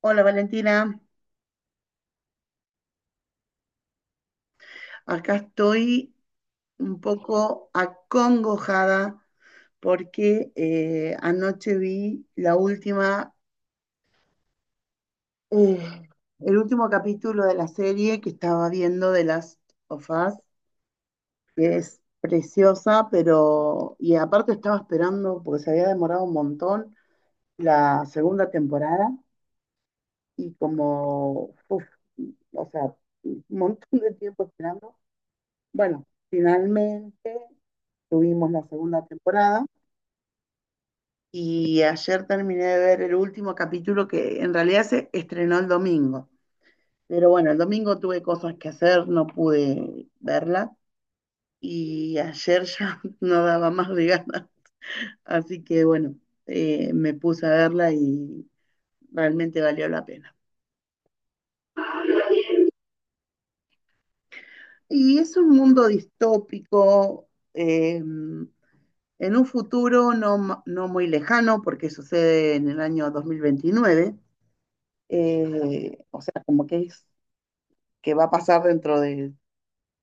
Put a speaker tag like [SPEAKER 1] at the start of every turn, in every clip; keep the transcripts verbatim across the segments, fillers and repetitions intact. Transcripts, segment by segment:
[SPEAKER 1] Hola Valentina, acá estoy un poco acongojada porque eh, anoche vi la última, eh, el último capítulo de la serie que estaba Last of Us, que es preciosa, pero y aparte estaba esperando porque se había demorado un montón la segunda temporada y como, uf, o sea, un montón de tiempo esperando. Bueno, finalmente tuvimos la segunda temporada y ayer terminé de ver el último capítulo que en realidad se estrenó el domingo. Pero bueno, el domingo tuve cosas que hacer, no pude verla y ayer ya no daba más de ganas. Así que bueno, eh, me puse a verla y realmente valió la pena. Y es un mundo distópico, eh, en un futuro no, ma- no muy lejano, porque sucede en el año dos mil veintinueve. Eh, o sea, como que es que va a pasar dentro de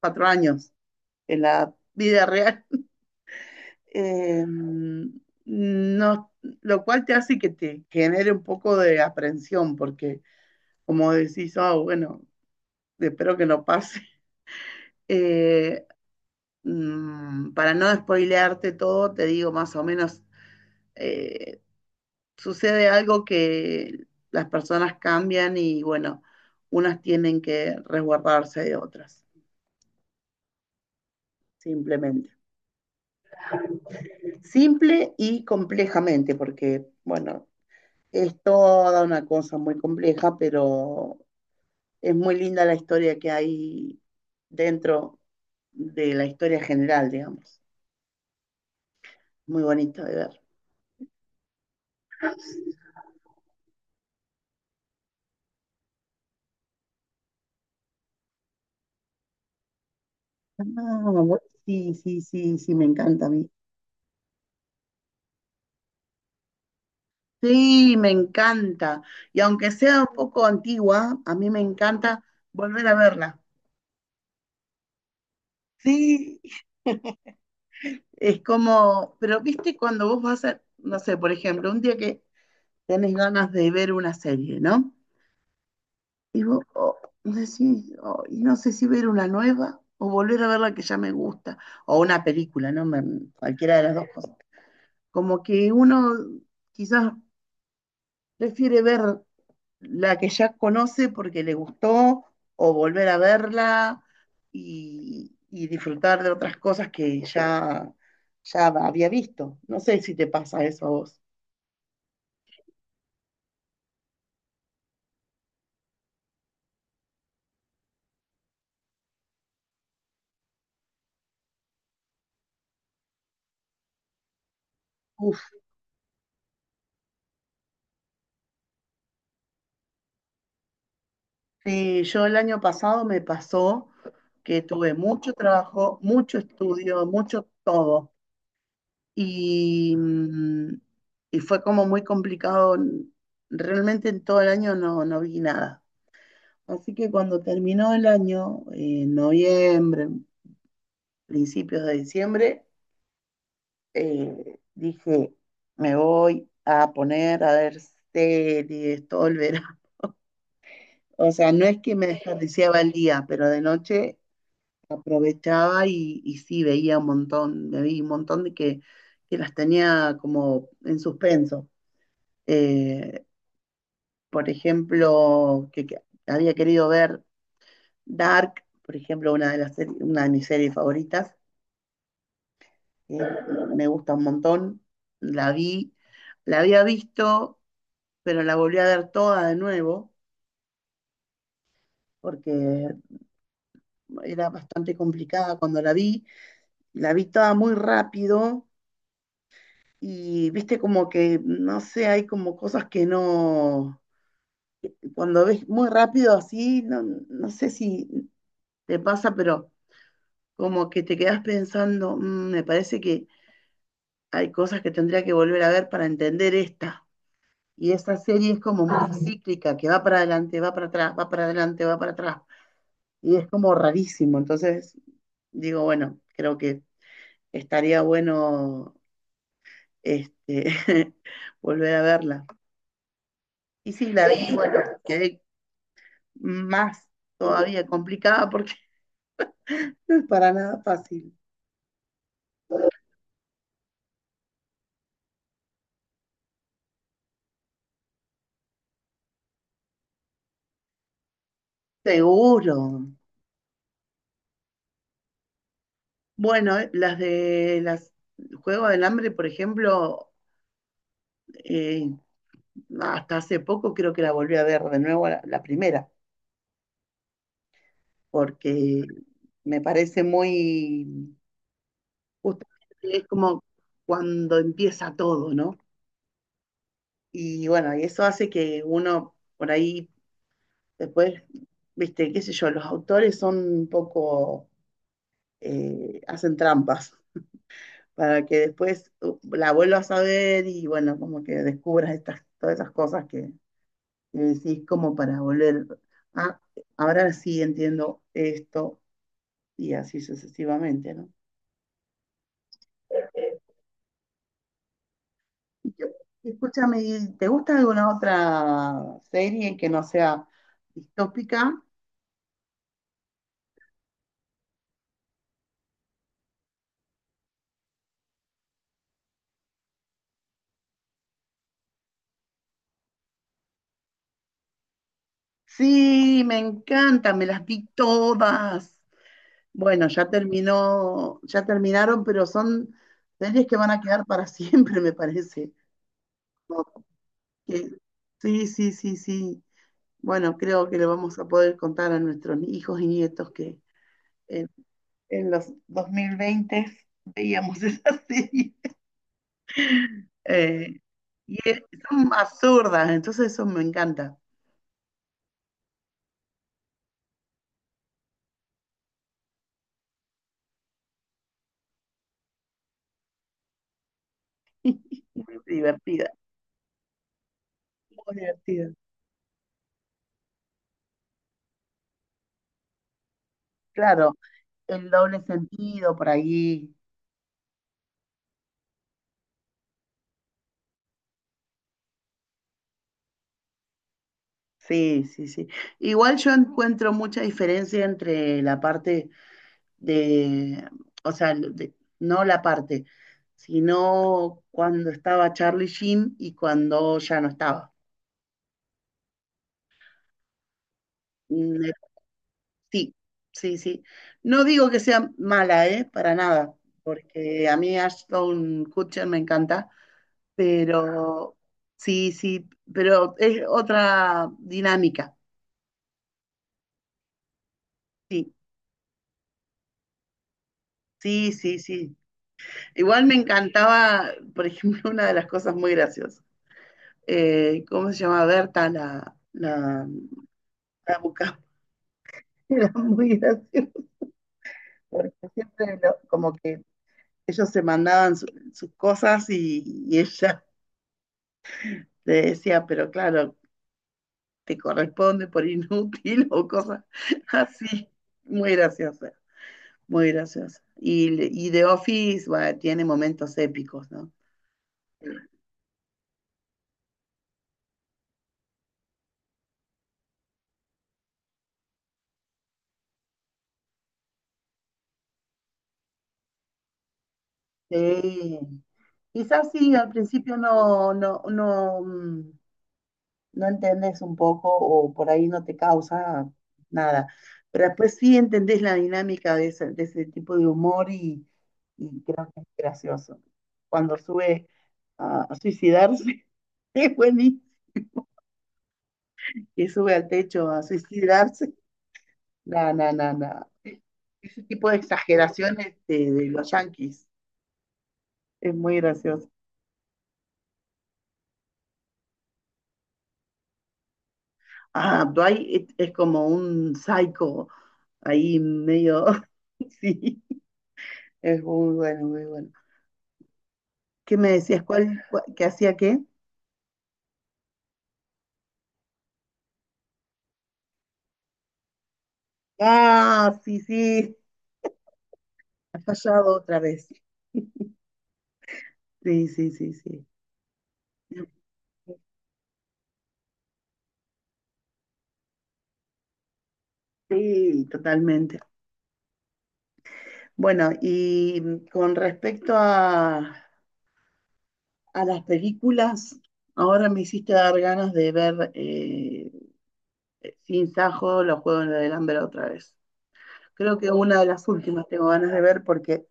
[SPEAKER 1] cuatro años en la vida real. Eh, no, lo cual te hace que te genere un poco de aprensión, porque como decís, oh, bueno, espero que no pase. Eh, mm, para no spoilearte todo, te digo más o menos, eh, sucede algo que las personas cambian y bueno, unas tienen que resguardarse de otras, simplemente. Simple y complejamente, porque, bueno, es toda una cosa muy compleja, pero es muy linda la historia que hay dentro de la historia general, digamos. Muy bonita de ver. Ah, bu- sí, sí, sí, sí, me encanta a mí. Sí, me encanta. Y aunque sea un poco antigua, a mí me encanta volver a verla. Sí, es como, pero viste cuando vos vas a, no sé, por ejemplo, un día que tenés ganas de ver una serie, ¿no? Y vos oh, decís, oh, y no sé si ver una nueva o volver a ver la que ya me gusta, o una película, ¿no? Me- cualquiera de las dos cosas. Como que uno quizás prefiere ver la que ya conoce porque le gustó, o volver a verla y, y disfrutar de otras cosas que ya, ya había visto. No sé si te pasa eso a vos. Uf, sí, yo el año pasado me pasó que tuve mucho trabajo, mucho estudio, mucho todo. Y, mm, y fue como muy complicado. Realmente en todo el año no, no vi nada. Así que cuando terminó el año, en noviembre, principios de diciembre, eh, dije, me voy a poner a ver series todo el verano. O sea, no es que me desperdiciaba el día, pero de noche aprovechaba y, y sí veía un montón, me vi un montón de que, que las tenía como en suspenso. Eh, por ejemplo, que, que había querido ver Dark, por ejemplo, una de las seri- una de mis series favoritas, que me gusta un montón, la vi, la había visto, pero la volví a ver toda de nuevo, porque era bastante complicada. Cuando la vi, la vi toda muy rápido y viste como que, no sé, hay como cosas que no, cuando ves muy rápido así, no, no sé si te pasa, pero como que te quedas pensando, "Mm, me parece que hay cosas que tendría que volver a ver para entender esta". Y esa serie es como muy cíclica, que va para adelante, va para atrás, va para adelante, va para atrás. Y es como rarísimo. Entonces, digo, bueno, creo que estaría bueno este, volver a verla. Y sí, la vi, bueno, quedé más todavía complicada porque no es para nada fácil. Seguro. Bueno, eh, las de las Juego del Hambre, por ejemplo, eh, hasta hace poco creo que la volví a ver de nuevo la, la primera, porque me parece muy, justamente es como cuando empieza todo, ¿no? Y bueno, y eso hace que uno por ahí después, viste, qué sé yo, los autores son un poco, eh, hacen trampas para que después uh, la vuelvas a ver y bueno, como que descubras estas, todas esas cosas que, que decís como para volver, ah, ahora sí entiendo esto y así sucesivamente, ¿no? Y yo- Escúchame, ¿y ¿te gusta alguna otra serie que no sea distópica? Sí, me encanta, me las vi todas. Bueno, ya terminó, ya terminaron, pero son series que van a quedar para siempre, me parece. que- sí, sí, sí, sí. Bueno, creo que le vamos a poder contar a nuestros hijos y nietos que en, en los dos mil veinte veíamos esa serie. Eh, y es- son absurdas, entonces eso me encanta. Muy divertida, muy divertida. Claro, el doble sentido por ahí. Sí, sí, sí. Igual yo encuentro mucha diferencia entre la parte de, o sea, de- no la parte, sino cuando estaba Charlie Sheen y cuando ya no estaba. Mm, eh, Sí, sí, sí. No digo que sea mala, ¿eh? Para nada, porque a mí Ashton Kutcher me encanta, pero sí, sí, pero es otra dinámica. Sí, sí, sí, sí. Igual me encantaba, por ejemplo, una de las cosas muy graciosas. eh, ¿cómo se llama? Berta, la, la la Bucaramanga, era muy gracioso, porque siempre lo- como que ellos se mandaban su- sus cosas y, y ella le decía, pero claro, te corresponde por inútil o cosas así. Muy graciosa, muy graciosa. Y, le- y The Office, bueno, tiene momentos épicos, ¿no? Sí, quizás sí, al principio no, no, no, mm, no entendés un poco o por ahí no te causa nada. Pero después sí entendés la dinámica de ese, de ese tipo de humor y, y creo que es gracioso. Cuando sube a, a suicidarse, es buenísimo. Que sube al techo a suicidarse. No, no, no, no. Ese tipo de exageraciones de, de los yanquis es muy gracioso. Ah, Dwight es es como un psycho ahí medio. Sí, es muy bueno, muy bueno. ¿Qué me decías? ¿Cuál, cuál- ¿qué hacía qué? Ah, sí, sí, ha fallado otra vez. Sí, sí, sí, sí. Sí, totalmente. Bueno, y con respecto a, a las películas, ahora me hiciste dar ganas de ver eh, Sin Sajo, los Juegos del Hambre otra vez. Creo que una de las últimas tengo ganas de ver porque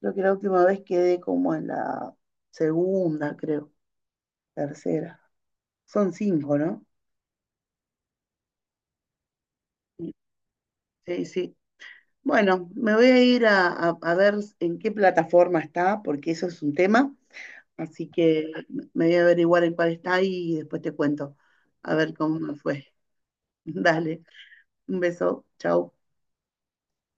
[SPEAKER 1] creo que la última vez quedé como en la segunda, creo, tercera. Son cinco, ¿no? Sí, sí. Bueno, me voy a ir a, a- a ver en qué plataforma está, porque eso es un tema, así que me voy a averiguar en cuál está y después te cuento, a ver cómo me fue. Dale, un beso, chao.